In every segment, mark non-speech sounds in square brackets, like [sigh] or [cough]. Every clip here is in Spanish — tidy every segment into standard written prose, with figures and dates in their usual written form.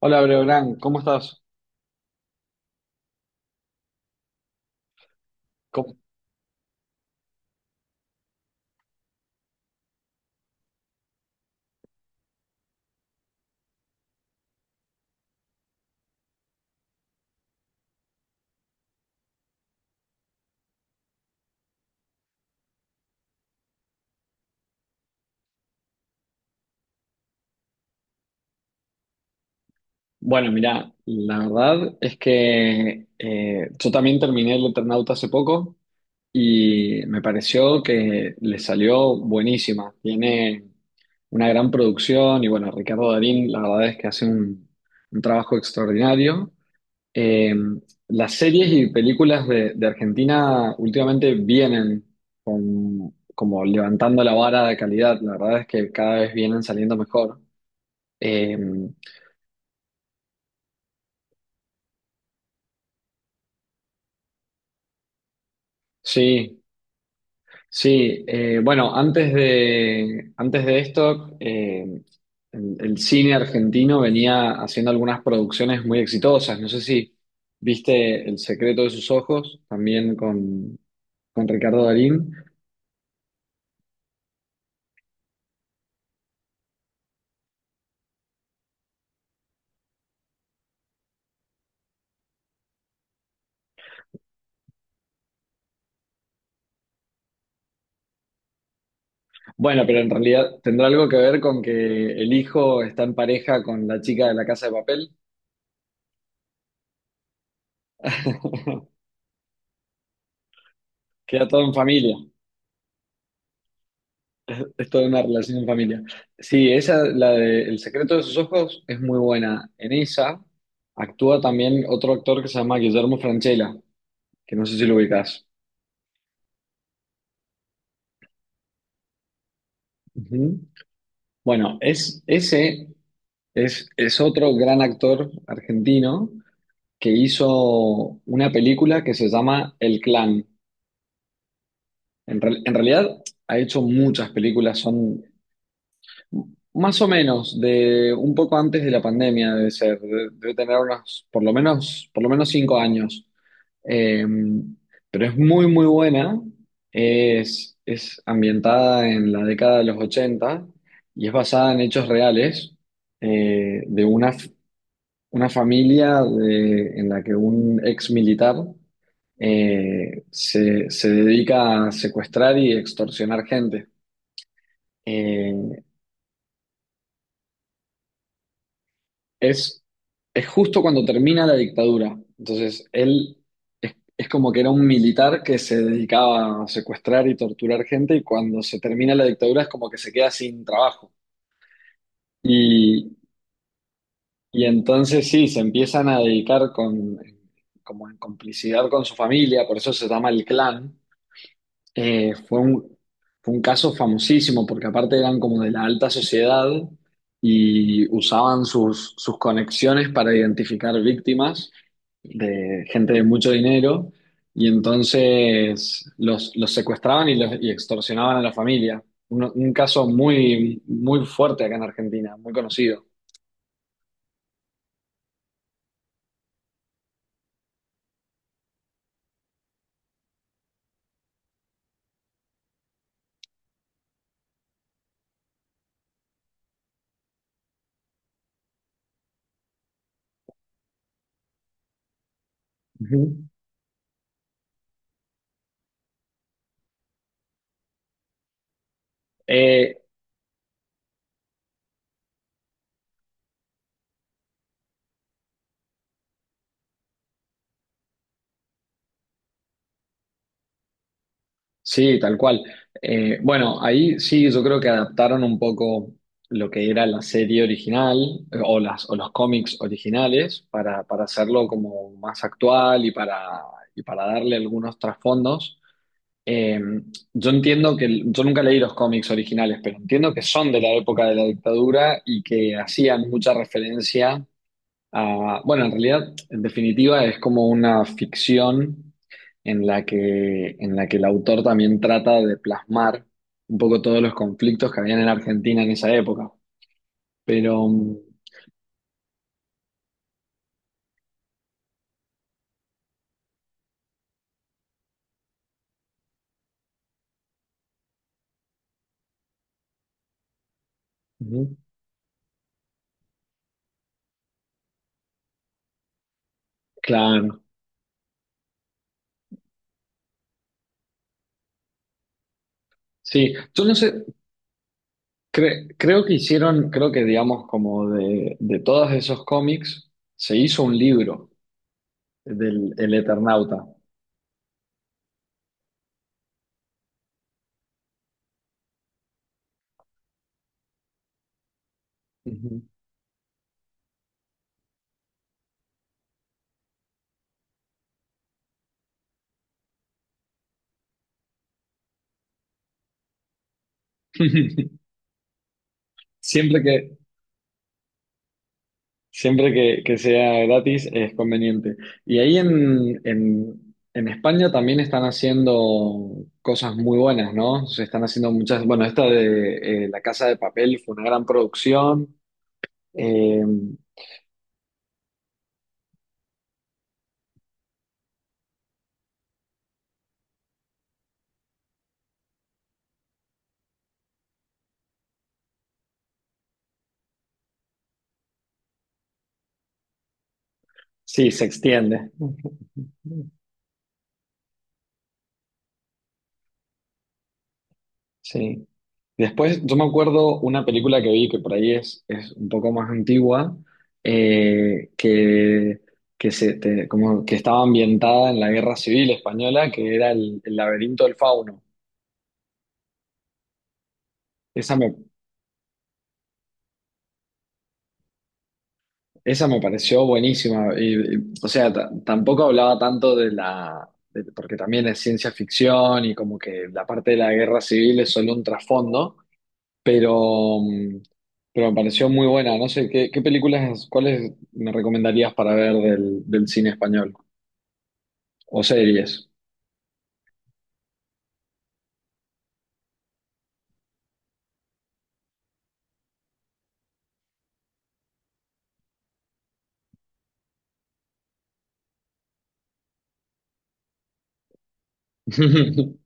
Hola, Breogán, ¿cómo estás? ¿Cómo- Bueno, mira, la verdad es que yo también terminé el Eternauta hace poco y me pareció que le salió buenísima. Tiene una gran producción y bueno, Ricardo Darín, la verdad es que hace un trabajo extraordinario. Eh, las series y películas de Argentina últimamente vienen como levantando la vara de calidad. La verdad es que cada vez vienen saliendo mejor. Eh, Sí, sí. Bueno, antes de esto, el cine argentino venía haciendo algunas producciones muy exitosas. No sé si viste El secreto de sus ojos, también con Ricardo Darín. Bueno, pero en realidad tendrá algo que ver con que el hijo está en pareja con la chica de la Casa de Papel. [laughs] Queda todo en familia. Es toda una relación en familia. Sí, esa, la de El secreto de sus ojos, es muy buena. En esa actúa también otro actor que se llama Guillermo Francella, que no sé si lo ubicás. Ujú. Ese es otro gran actor argentino que hizo una película que se llama El Clan. En realidad ha hecho muchas películas, son... Más o menos, de un poco antes de la pandemia debe ser, debe tener unos, por lo menos cinco años. Eh, pero es muy, muy buena. Es ambientada en la década de los 80 y es basada en hechos reales, de una familia en la que un ex militar se dedica a secuestrar y extorsionar gente. Eh, Es, es justo cuando termina la dictadura. Entonces, él es como que era un militar que se dedicaba a secuestrar y torturar gente y cuando se termina la dictadura es como que se queda sin trabajo. Y, y entonces sí, se empiezan a dedicar con, como en complicidad con su familia, por eso se llama el clan. Eh, fue un, Fue un caso famosísimo porque aparte eran como de la alta sociedad y usaban sus conexiones para identificar víctimas de gente de mucho dinero y entonces los secuestraban y extorsionaban a la familia. Un caso muy, muy fuerte acá en Argentina, muy conocido. Ujú. Eh, Sí, tal cual. Bueno, ahí sí, yo creo que adaptaron un poco lo que era la serie original, o los cómics originales para hacerlo como más actual y y para darle algunos trasfondos. Eh, yo entiendo que, yo nunca leí los cómics originales, pero entiendo que son de la época de la dictadura y que hacían mucha referencia. Ah, bueno, en realidad, en definitiva, es como una ficción en la que el autor también trata de plasmar un poco todos los conflictos que habían en Argentina en esa época. Pero, mm, ujú, claro, sí, yo no sé, creo que hicieron, creo que digamos como de todos esos cómics, se hizo un libro del El Eternauta. Ujú. [laughs] Siempre que, Siempre que sea gratis es conveniente. Y ahí en España también están haciendo cosas muy buenas, ¿no? Se están haciendo muchas, bueno, esta de La Casa de Papel fue una gran producción. Eh, sí, se extiende. Sí. Después, yo me acuerdo una película que vi que por ahí es un poco más antigua, eh, que, como que estaba ambientada en la Guerra Civil Española, que era el laberinto del fauno. Esa me, esa me pareció buenísima. Y, o sea, tampoco hablaba tanto porque también es ciencia ficción y como que la parte de la guerra civil es solo un trasfondo, pero, mm, pero me pareció muy buena. No sé, ¿ qué películas, cuáles me recomendarías para ver del cine español? O series. [laughs]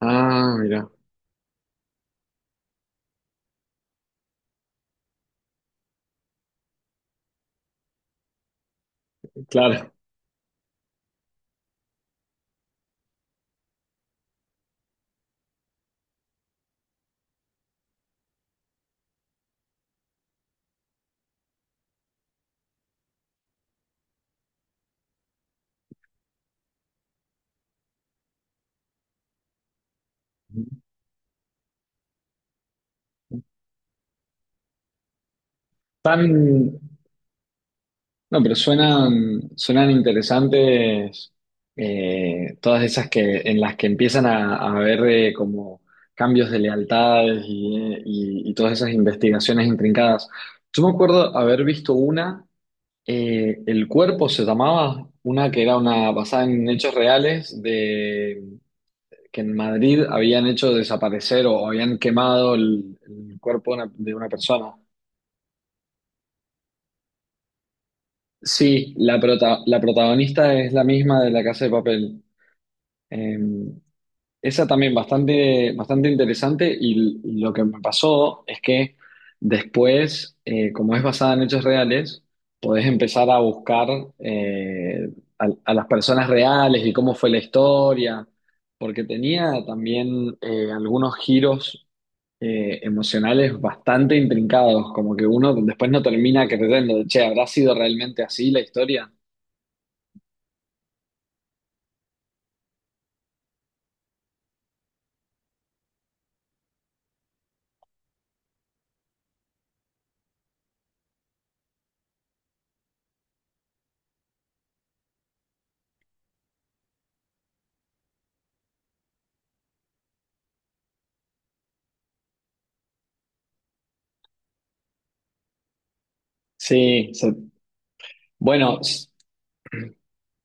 Ah, mira, claro. Tan, No, pero suenan, suenan interesantes, todas esas que, en las que empiezan a haber, como cambios de lealtades y todas esas investigaciones intrincadas. Yo me acuerdo haber visto una, El cuerpo se llamaba, una que era una basada en hechos reales de que en Madrid habían hecho desaparecer o habían quemado el cuerpo de una persona. Sí, la protagonista es la misma de La Casa de Papel. Eh, Esa también bastante, bastante interesante y lo que me pasó es que después, como es basada en hechos reales, podés empezar a buscar eh, a las personas reales y cómo fue la historia, porque tenía también algunos giros, emocionales bastante intrincados, como que uno después no termina creyendo, che, ¿habrá sido realmente así la historia? Sí, se- bueno.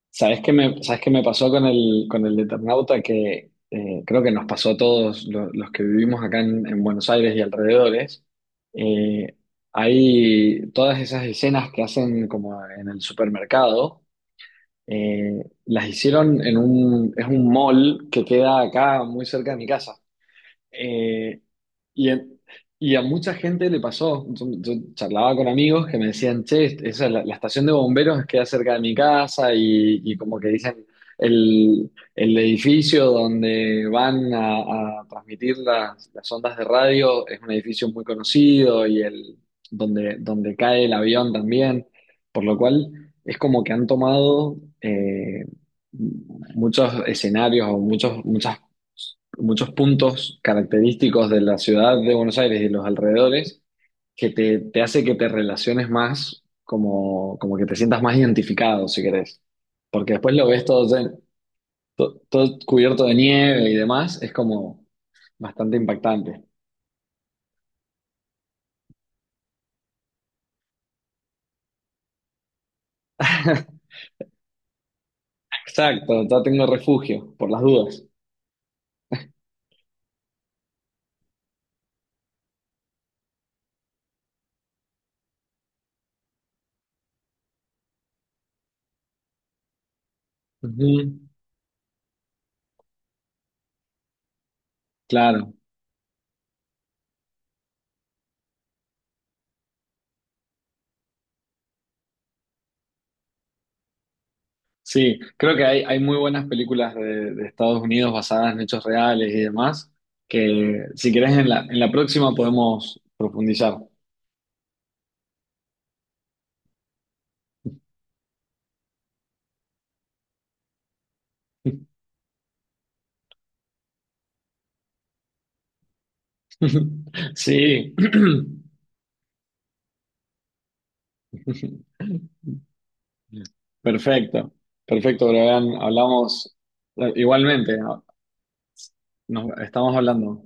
¿Sabes qué me pasó con el Eternauta? Que creo que nos pasó a todos los que vivimos acá en Buenos Aires y alrededores. Eh, Hay todas esas escenas que hacen como en el supermercado, las hicieron en es un mall que queda acá muy cerca de mi casa. Eh, y, en- y a mucha gente le pasó. Yo charlaba con amigos que me decían, che, esa es la estación de bomberos queda cerca de mi casa y como que dicen el edificio donde van a transmitir las ondas de radio es un edificio muy conocido y donde cae el avión también, por lo cual es como que han tomado muchos escenarios o muchos, muchas muchos puntos característicos de la ciudad de Buenos Aires y los alrededores que te hace que te relaciones más, como, como que te sientas más identificado, si querés. Porque después lo ves todo, todo cubierto de nieve y demás, es como bastante impactante. [laughs] Exacto, ya tengo refugio, por las dudas. Ujú, claro. Sí, creo que hay muy buenas películas de Estados Unidos basadas en hechos reales y demás, que si querés en la próxima podemos profundizar. [laughs] Sí, [clears throat] perfecto, perfecto, Brian, hablamos igualmente, ¿no? Nos estamos hablando.